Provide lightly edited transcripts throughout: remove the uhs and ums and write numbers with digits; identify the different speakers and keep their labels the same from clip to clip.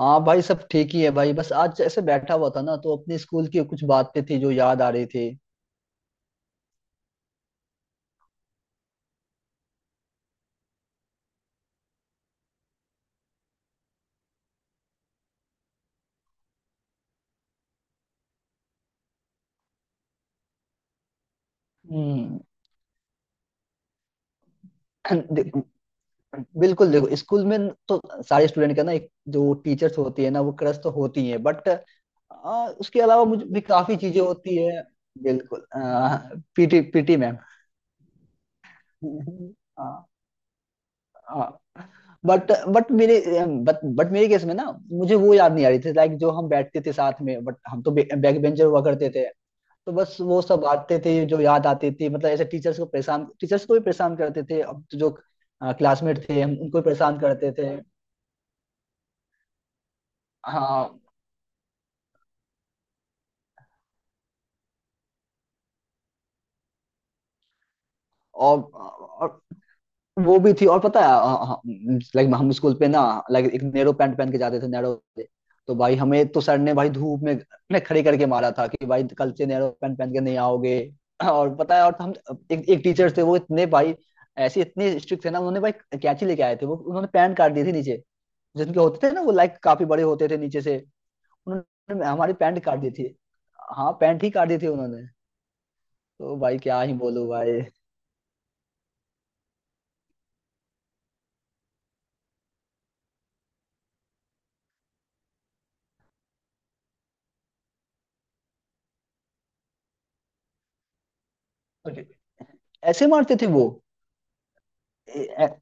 Speaker 1: हाँ भाई, सब ठीक ही है भाई। बस आज ऐसे बैठा हुआ था ना, तो अपने स्कूल की कुछ बातें थी जो याद आ रही थी। हम्म। दे- बिल्कुल देखो, स्कूल में तो सारे स्टूडेंट का ना एक जो टीचर्स होती है ना, वो क्रश तो होती है, बट उसके अलावा मुझे भी काफी चीजें होती है। बिल्कुल। PT PT ma'am. But but मेरे बट मेरे केस में ना मुझे वो याद नहीं आ रही थी, लाइक जो हम बैठते थे साथ में, बट हम तो बैक बेंचर हुआ करते थे। तो बस वो सब बांटते थे जो याद आती थी। मतलब ऐसे टीचर्स को परेशान, टीचर्स को भी परेशान करते थे। अब तो जो क्लासमेट थे हम उनको भी परेशान करते थे। हाँ। और, और वो भी थी। और पता है, लाइक हम स्कूल पे ना लाइक एक नैरो पैंट पहन के जाते थे नैरो। तो भाई हमें तो सर ने भाई धूप में ने खड़े करके मारा था कि भाई कल से नैरो पैंट पहन के नहीं आओगे। और पता है, और हम एक एक टीचर थे वो इतने भाई ऐसे इतने स्ट्रिक्ट थे ना, उन्होंने भाई कैंची लेके आए थे वो, उन्होंने पैंट काट दी थी नीचे। जिनके होते थे ना वो लाइक काफी बड़े होते थे नीचे से। उन्होंने हमारी पैंट काट दी थी। हाँ, पैंट ही काट दी थी उन्होंने। तो भाई क्या ही बोलूं भाई। Okay. ऐसे मारते थे वो। ए- ए-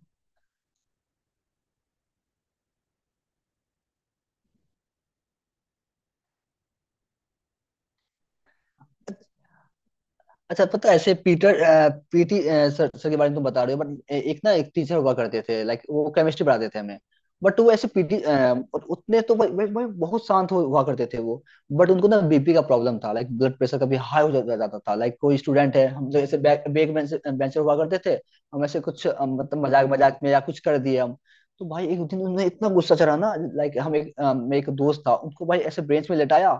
Speaker 1: अच्छा पता है, ऐसे पीटर पीटी सर सर के बारे में तुम बता रहे हो, बट एक ना एक टीचर हुआ करते थे लाइक वो केमिस्ट्री पढ़ाते थे हमें। बट वो ऐसे पीटी उतने तो वो बहुत शांत हुआ करते थे वो। बट उनको ना बीपी का प्रॉब्लम था, लाइक ब्लड प्रेशर कभी हाई हो जाता था लाइक कोई स्टूडेंट है। हम जो ऐसे बैक बैक बेंचर हुआ करते थे, हम ऐसे कुछ मतलब मजाक मजाक में या कुछ कर दिए हम। तो भाई एक दिन उन्हें इतना गुस्सा चढ़ा ना, लाइक हम एक मेरा एक दोस्त था, उनको भाई ऐसे बेंच में लेटाया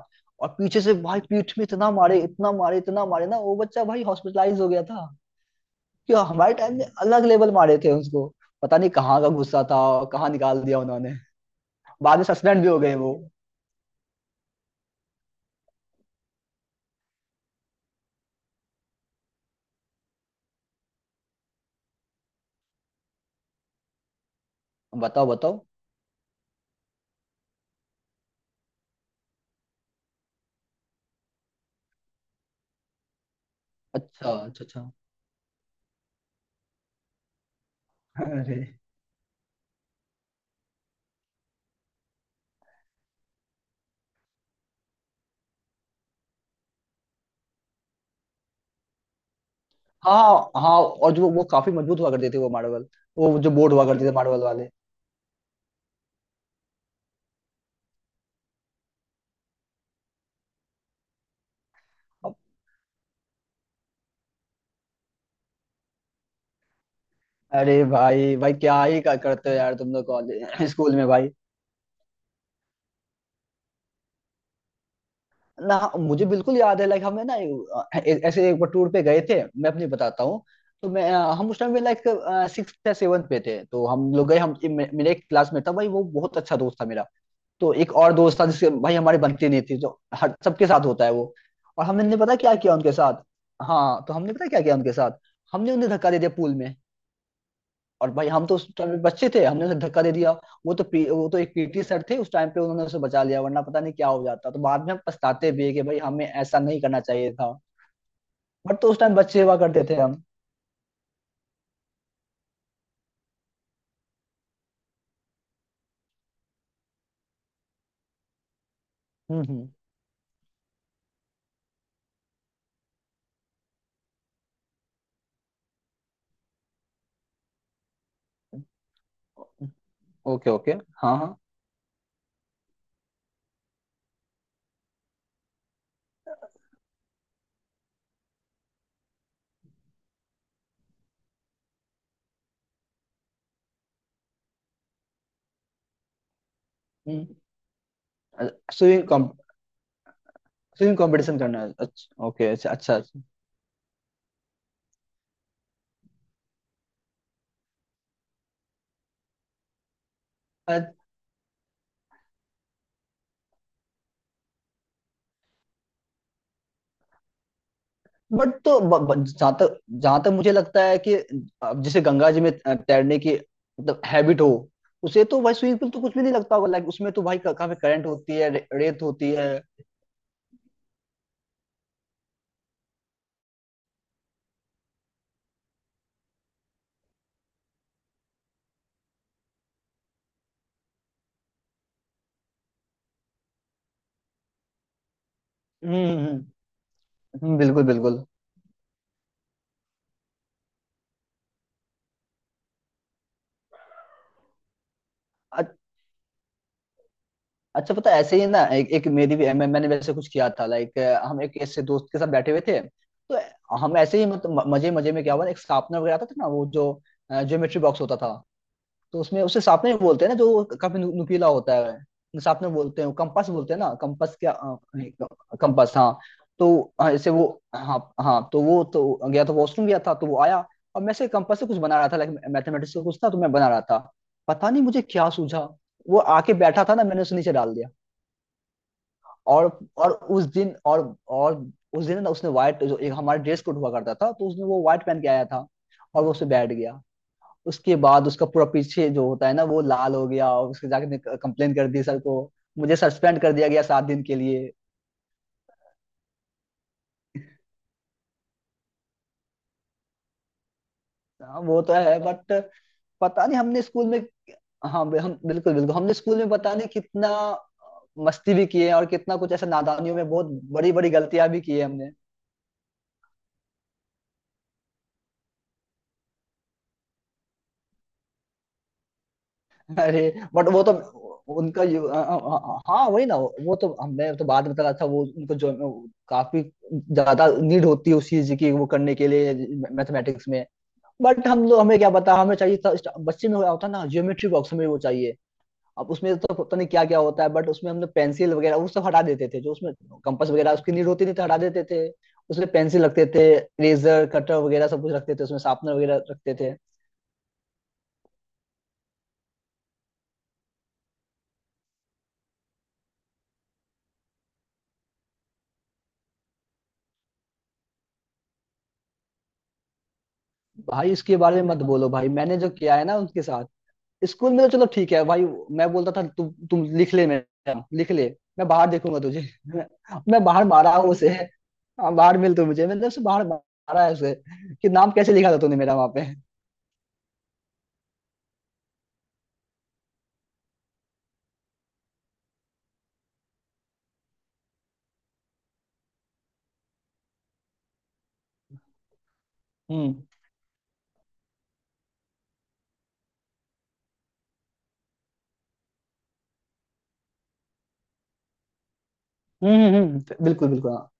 Speaker 1: और पीछे से भाई पीठ में इतना मारे इतना मारे इतना मारे ना, वो बच्चा भाई हॉस्पिटलाइज हो गया था। क्यों हमारे टाइम में अलग लेवल मारे थे उसको। पता नहीं कहाँ का गुस्सा था और कहाँ निकाल दिया उन्होंने। बाद में सस्पेंड भी हो गए वो। बताओ बताओ। अच्छा अच्छा अच्छा। अरे। हाँ हाँ, और जो वो काफी मजबूत हुआ करते थे वो मार्बल, वो जो बोर्ड हुआ करते थे मार्बल वाले। अब- अरे भाई भाई क्या ही करते हो यार, तुम लोग कॉलेज स्कूल में भाई। ना मुझे बिल्कुल याद है, लाइक हमें ना ऐसे एक बार टूर पे गए थे, मैं अपनी बताता हूँ। तो मैं हम उस टाइम में लाइक सिक्स या सेवन्थ पे थे, तो हम लोग गए, हम मेरे एक क्लासमेट था भाई, वो बहुत अच्छा दोस्त था मेरा। तो एक और दोस्त था जिसके भाई हमारी बनती नहीं थी, जो हर सबके साथ होता है वो। और हमने पता क्या किया उनके साथ। हाँ, तो हमने पता क्या किया उनके साथ। हमने उन्हें धक्का दे दिया पूल में। और भाई हम तो उस टाइम पे बच्चे थे, हमने उसे धक्का दे दिया। वो तो एक पीटी सर थे उस टाइम पे, उन्होंने उसे बचा लिया, वरना पता नहीं क्या हो जाता। तो बाद में हम पछताते भी है कि भाई हमें ऐसा नहीं करना चाहिए था। बट तो उस टाइम बच्चे हुआ करते थे हम। हम्म। Okay okay. हाँ हाँ। स्विमिंग। स्विमिंग कंपटीशन करना है, अच्छा ओके, अच्छा अच्छा। बट तो जहाँ तक मुझे लगता है कि अब जैसे गंगा जी में तैरने की मतलब हैबिट हो, उसे तो भाई स्विमिंग पूल तो कुछ भी नहीं लगता होगा, लाइक उसमें तो भाई काफी करंट होती है, रेत होती है। हम्म हम्म बिल्कुल बिल्कुल। अ- अच्छा पता है, ऐसे ही ना एक मेरी भी मैंने वैसे कुछ किया था, लाइक हम एक ऐसे दोस्त के साथ बैठे हुए थे। तो हम ऐसे ही मतलब मजे मजे में क्या हुआ, एक शार्पनर वगैरह आता था ना वो जो ज्योमेट्री बॉक्स होता था। तो उसमें उसे सापने बोलते हैं ना, जो काफी नुकीला होता है। सापने बोलते हैं, कंपास बोलते हैं ना, कंपास क्या, कंपास हाँ। तो हाँ, जैसे वो। हाँ हाँ, तो वो तो गया था, वॉशरूम गया था, तो वो आया। और मैं से कंपास से कुछ बना रहा था, लाइक मैथमेटिक्स का कुछ था तो मैं बना रहा था। पता नहीं मुझे क्या सूझा। वो आके बैठा था ना, मैंने उसे नीचे डाल दिया। और और उस दिन और और उस दिन ना उसने व्हाइट, जो एक हमारा ड्रेस कोड हुआ करता था, तो उसने वो व्हाइट पहन के आया था। और वो उसे बैठ गया। उसके बाद उसका पूरा पीछे जो होता है ना वो लाल हो गया, और उसके जाके कंप्लेन कर दी सर को। मुझे सस्पेंड कर दिया गया 7 दिन के लिए। हाँ, वो तो है बट पता नहीं हमने स्कूल में। हाँ। हम बिल्कुल बिल्कुल, हमने स्कूल में पता नहीं कितना मस्ती भी की है, और कितना कुछ ऐसा नादानियों में, बहुत बड़ी बड़ी गलतियां भी की है हमने। अरे। बट वो तो उनका यू- अ- अ- अ- हाँ वही ना, वो तो हमने तो बाद में पता था, वो उनको जो काफी ज्यादा नीड होती है उस चीज की वो करने के लिए मैथमेटिक्स में। बट हम लोग हमें क्या पता, हमें चाहिए था बच्चे में होता ना ज्योमेट्री बॉक्स, हमें वो चाहिए। अब उसमें तो पता नहीं क्या क्या होता है, बट उसमें हमने पेंसिल वगैरह वो सब हटा देते थे, जो उसमें कंपास वगैरह उसकी नीड होती नहीं तो हटा देते थे। उसमें पेंसिल रखते थे। रेजर कटर वगैरह सब कुछ रखते थे उसमें, शार्पनर वगैरह रखते थे। भाई उसके बारे में मत बोलो भाई, मैंने जो किया है ना उनके साथ स्कूल में, तो चलो ठीक है भाई। मैं बोलता था, तुम लिख ले मैम, लिख ले। मैं बाहर देखूंगा तुझे, मैं बाहर मारा हूँ उसे। हाँ, बाहर मिल तू मुझे, मतलब उसे बाहर मारा है उसे, कि नाम कैसे लिखा था तूने मेरा वहां पे। हम्म बिल्कुल बिल्कुल, हाँ।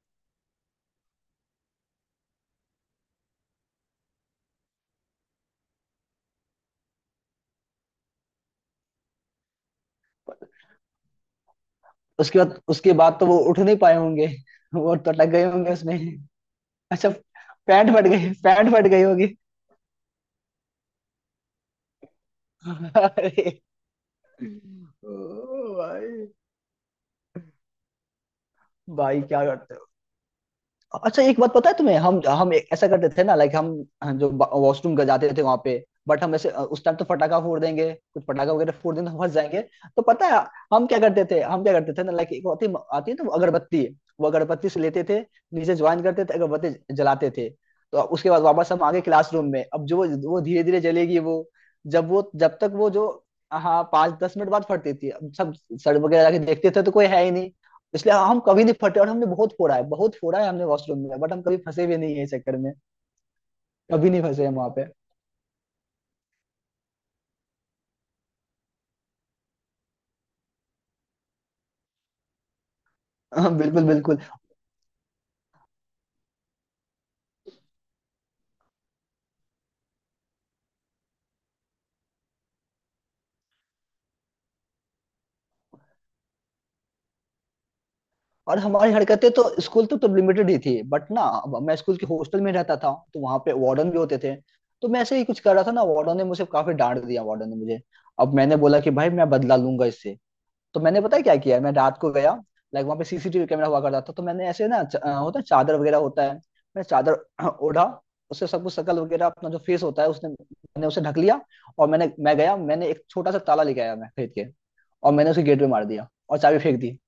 Speaker 1: उसके बाद तो वो उठ नहीं पाए होंगे, वो तो अटक गए होंगे उसमें। अच्छा। पैंट फट गई होगी। अरे। ओ भाई, भाई क्या करते। अच्छा एक बात पता है तुम्हें, हम ऐसा करते थे ना, लाइक हम जो वॉशरूम का जाते थे वहां पे, बट हम ऐसे उस टाइम तो फटाका फोड़ देंगे, कुछ पटाखा वगैरह फोड़ देंगे तो फंस जाएंगे। तो पता है, हम क्या करते थे ना, लाइक एक होती आती है ना, वो अगरबत्ती। वो अगरबत्ती से लेते थे, नीचे ज्वाइन करते थे अगरबत्ती, जलाते थे, तो उसके बाद वापस हम आगे क्लासरूम में। अब जो वो धीरे धीरे जलेगी, वो जब तक वो जो, हाँ, 5-10 मिनट बाद फटती थी। अब सब सड़ वगैरह जाके देखते थे तो कोई है ही नहीं। इसलिए हम कभी नहीं फटे, और हमने बहुत फोड़ा है, बहुत फोड़ा है हमने वॉशरूम में, बट हम कभी फंसे भी नहीं है इस चक्कर में। कभी नहीं फंसे हम वहाँ पे। हाँ, बिल्कुल बिल्कुल। और हमारी हरकतें तो स्कूल तक तो लिमिटेड ही थी, बट ना अब मैं स्कूल के हॉस्टल में रहता था तो वहाँ पे वार्डन भी होते थे। तो मैं ऐसे ही कुछ कर रहा था ना, वार्डन ने मुझे काफी डांट दिया, वार्डन ने मुझे। अब मैंने बोला कि भाई, मैं बदला लूंगा इससे। तो मैंने पता है क्या किया, मैं रात को गया, लाइक वहां पे सीसीटीवी कैमरा हुआ करता था। तो मैंने ऐसे ना होता है चादर वगैरह, होता है मैं चादर ओढ़ा। उससे सब कुछ शकल वगैरह अपना जो फेस होता है उसने, मैंने उसे ढक लिया। और मैं गया, मैंने एक छोटा सा ताला लेके आया, मैं खरीद के। और मैंने उसे गेट पे मार दिया और चाबी फेंक दी।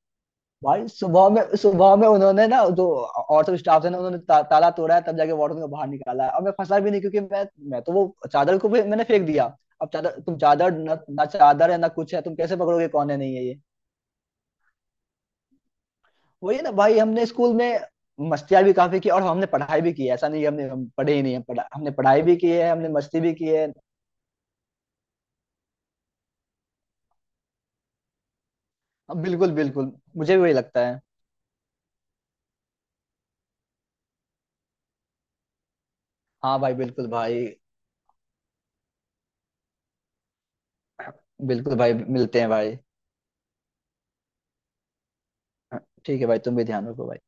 Speaker 1: भाई, सुबह में उन्होंने ना जो और सब स्टाफ थे ना, उन्होंने ताला तोड़ा है, तब जाके वार्डन को बाहर निकाला है, और मैं फंसा भी नहीं, क्योंकि मैं तो वो चादर को भी मैंने फेंक दिया। अब चादर, तुम चादर ना चादर है ना कुछ है, तुम कैसे पकड़ोगे, कौन है नहीं है ये। वही ना भाई, हमने स्कूल में मस्तियाँ भी काफी की, और हमने पढ़ाई भी की है, ऐसा नहीं है हमने हम पढ़े ही नहीं, हमने पढ़ाई भी की है, हमने मस्ती भी की है। हाँ, बिल्कुल बिल्कुल। मुझे भी वही लगता है। हाँ भाई, बिल्कुल भाई। बिल्कुल भाई, मिलते हैं भाई। ठीक है भाई, तुम भी ध्यान रखो भाई।